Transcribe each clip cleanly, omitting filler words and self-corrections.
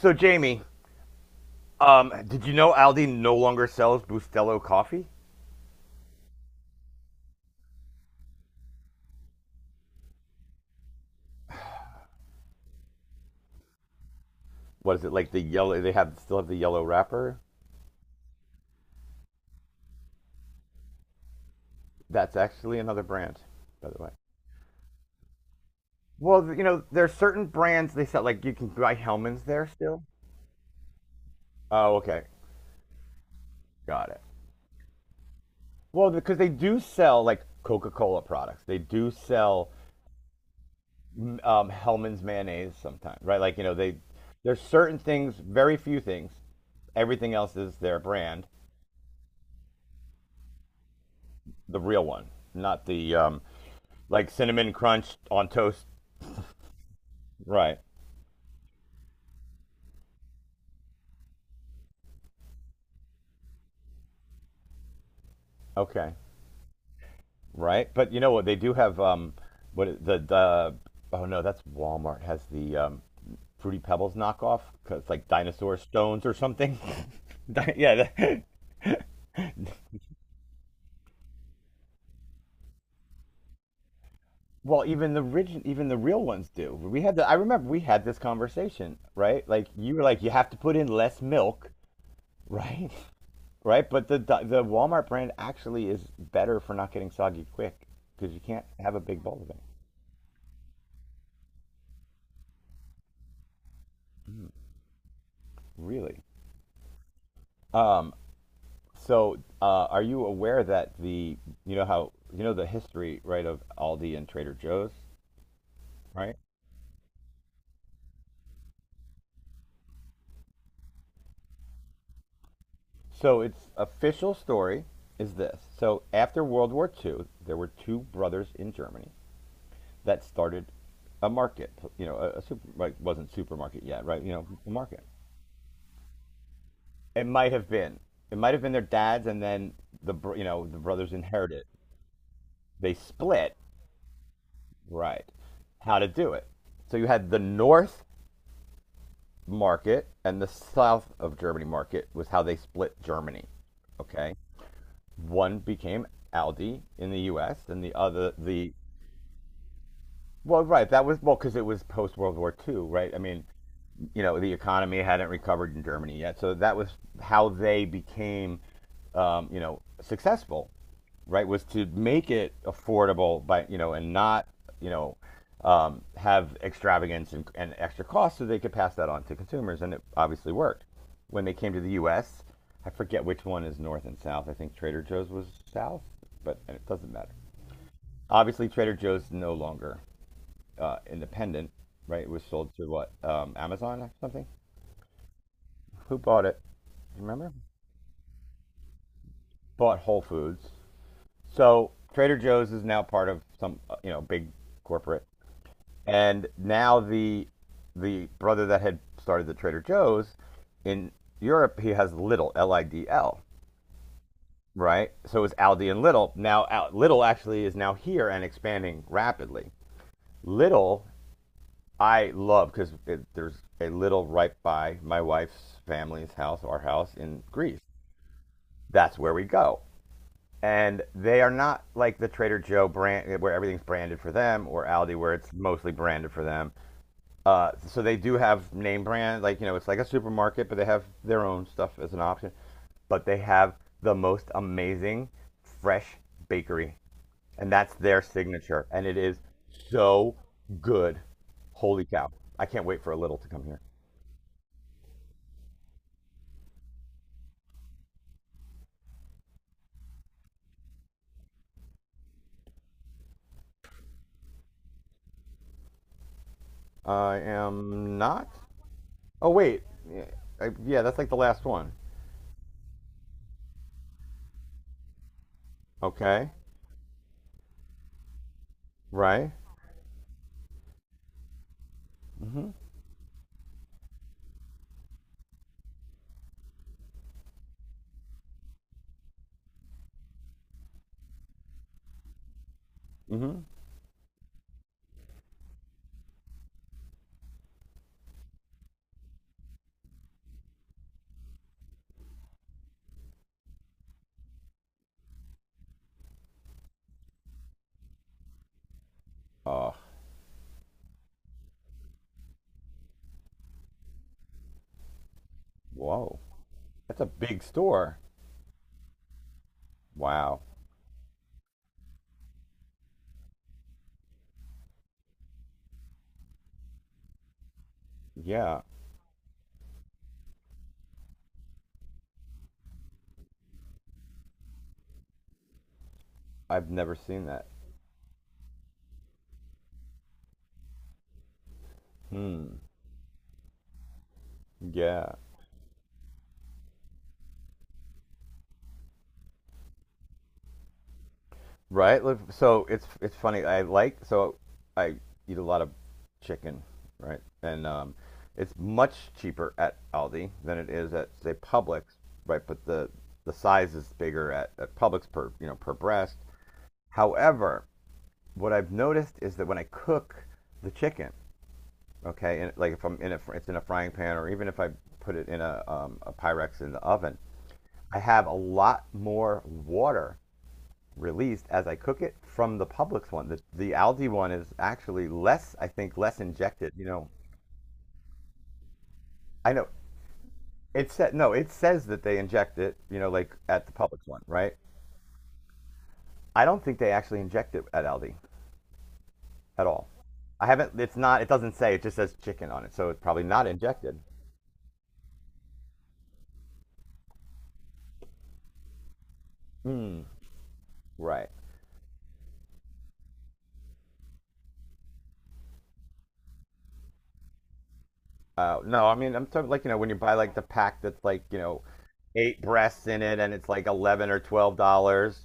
So, Jamie, did you know Aldi no longer sells Bustelo coffee? What is it, like the yellow? They have still have the yellow wrapper. That's actually another brand, by the way. Well, there's certain brands they sell. Like, you can buy Hellman's there still. Oh, okay, got it. Well, because they do sell, like, Coca-Cola products. They do sell Hellman's mayonnaise sometimes, right? Like, you know, they there's certain things, very few things. Everything else is their brand, the real one, not the like cinnamon crunch on toast. Right. Okay. Right. But you know what? They do have. What is- the Oh no, that's Walmart has the fruity pebbles knockoff 'cause it's like dinosaur stones or something. Yeah. Well, even the origin, even the real ones do. We had the I remember we had this conversation, right? Like, you were like, you have to put in less milk, right? Right, but the Walmart brand actually is better for not getting soggy quick, because you can't have a big bowl of it. Really? So, are you aware that the you know how, you know, the history, right, of Aldi and Trader Joe's, right? So its official story is this. So after World War II, there were two brothers in Germany that started a market. You know, a super, like, wasn't supermarket yet, right? You know, a market. It might have been. It might have been their dads, and then you know, the brothers inherited. They split, right? How to do it? So you had the North market, and the south of Germany market, was how they split Germany. Okay, one became Aldi in the U.S., and the other the, well, right. That was, because it was post World War II, right? I mean, you know, the economy hadn't recovered in Germany yet, so that was how they became, successful, right? Was to make it affordable by, you know, and not, you know have extravagance and, extra costs, so they could pass that on to consumers, and it obviously worked. When they came to the U.S., I forget which one is north and south. I think Trader Joe's was south, but it doesn't matter. Obviously, Trader Joe's no longer independent, right? It was sold to what? Amazon or something? Who bought it? Do you remember? Bought Whole Foods. So Trader Joe's is now part of some, big corporate. And now the brother that had started the Trader Joe's in Europe, he has Little LIDL, right? So it was Aldi and Little. Now Little actually is now here and expanding rapidly. Little, I love, because there's a little right by my wife's family's house, our house in Greece. That's where we go. And they are not like the Trader Joe brand where everything's branded for them, or Aldi where it's mostly branded for them. So they do have name brand, like, you know, it's like a supermarket, but they have their own stuff as an option. But they have the most amazing fresh bakery, and that's their signature, and it is so good. Holy cow! I can't wait for a little to come here. I am not. Oh wait, yeah, yeah, that's like the last one. Okay, right? Mm-hmm. Oh, whoa, that's a big store. Wow. Yeah, I've never seen that. Hmm. Yeah. Right. So it's funny. I, like, so I eat a lot of chicken, right? And it's much cheaper at Aldi than it is at, say, Publix, right? But the size is bigger at Publix, per you know per breast. However, what I've noticed is that when I cook the chicken, okay, and like, if I'm in a it's in a frying pan, or even if I put it in a Pyrex in the oven, I have a lot more water released as I cook it from the Publix one. The Aldi one is actually less, I think, less injected. You know, I know, it said, no, it says that they inject it. You know, like at the Publix one, right? I don't think they actually inject it at Aldi at all. I haven't. It's not. It doesn't say. It just says chicken on it, so it's probably not injected. Mm, right. No, I mean, I'm talking, like, when you buy, like, the pack that's like, eight breasts in it, and it's like $11 or $12.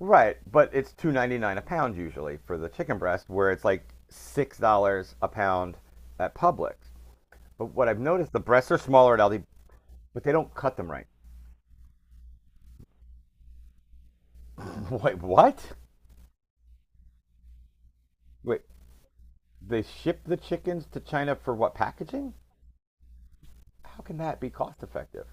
Right, but it's 2.99 a pound usually for the chicken breast, where it's like $6 a pound at Publix. But what I've noticed, the breasts are smaller at Aldi, but they don't cut them right. Wait, what? Wait, they ship the chickens to China for what, packaging? How can that be cost effective?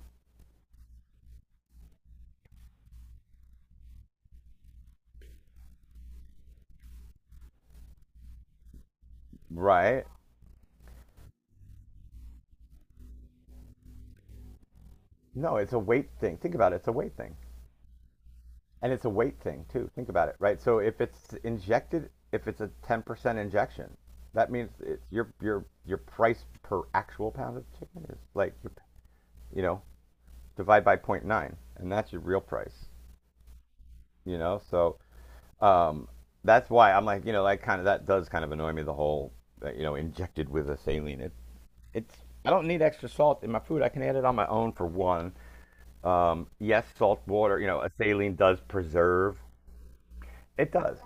Right? No, it's a weight thing. Think about it. It's a weight thing. And it's a weight thing too. Think about it, right? So if it's injected, if it's a 10% injection, that means it's your price per actual pound of chicken is, like, you know divide by zero point 0.9, and that's your real price. You know, so um, that's why I'm, like, you know, like, kind of, that does kind of annoy me, the whole, injected with a saline. It, it's I don't need extra salt in my food. I can add it on my own, for one. Yes, salt water, a saline does preserve. It does.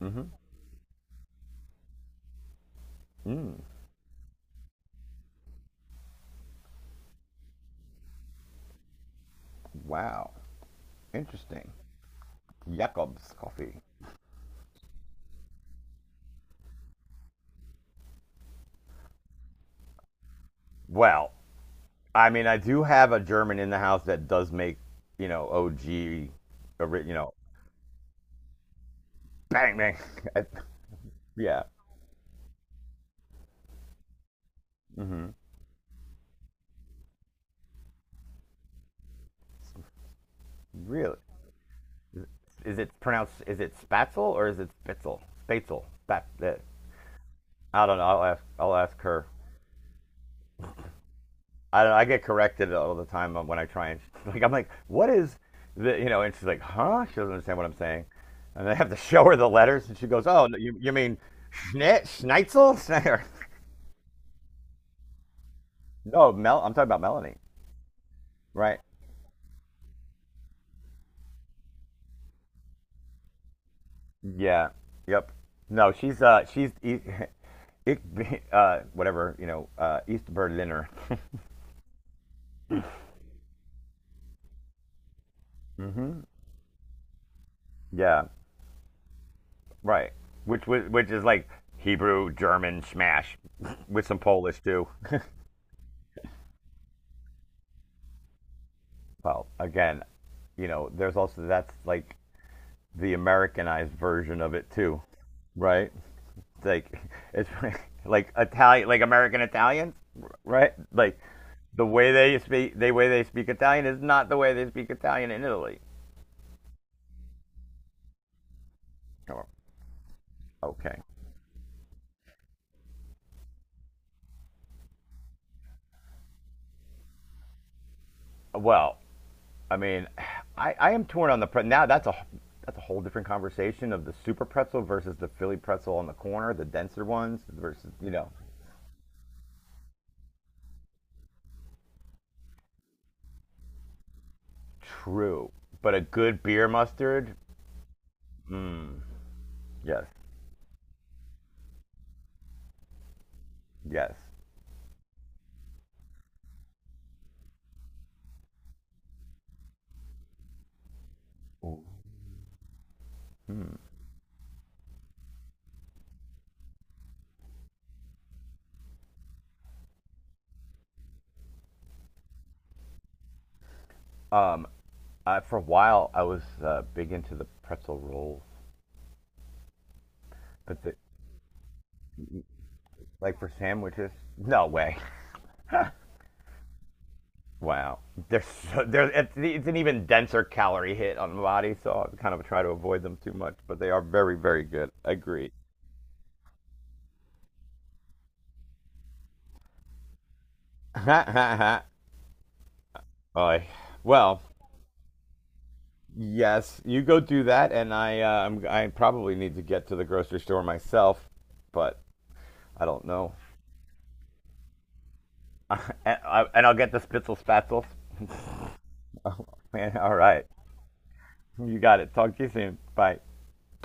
Hmm. Wow. Interesting. Jacobs coffee. Well, I mean, I do have a German in the house that does make, OG, ori- you know, bang bang. Yeah, really. Is it pronounced? Is it Spatzel or is it Spitzel? Spatzel. Spat. I don't know. I'll ask. I'll ask her. I don't know, I get corrected all the time when I try, and like, I'm like, what is the? You know? And she's like, huh? She doesn't understand what I'm saying, and I have to show her the letters, and she goes, oh, no, you mean Schnitzel? No, Mel. I'm talking about Melanie, right? Yeah. Yep. No, she's ik, whatever, you know, East Berliner. Hmm. Yeah. Right. Which is, like, Hebrew, German, smash, with some Polish too. Well, again, you know, there's also, that's like the Americanized version of it too, right? Like, it's like Italian, like American Italians, right? Like the way they speak Italian is not the way they speak Italian in Italy. Oh, okay. Well, I mean, I am torn on now. That's a whole different conversation of the super pretzel versus the Philly pretzel on the corner, the denser ones versus, true. But a good beer mustard, yes, yes. For a while, I was big into the pretzel rolls, but the like for sandwiches? No way. Wow. There's It's an even denser calorie hit on the body, so I kind of try to avoid them too much, but they are very very good. Agree. Oy. Well, yes, you go do that, and I probably need to get to the grocery store myself, but I don't know. And, I'll get the spitzel spatzels. Man, all right, you got it. Talk to you soon. Bye.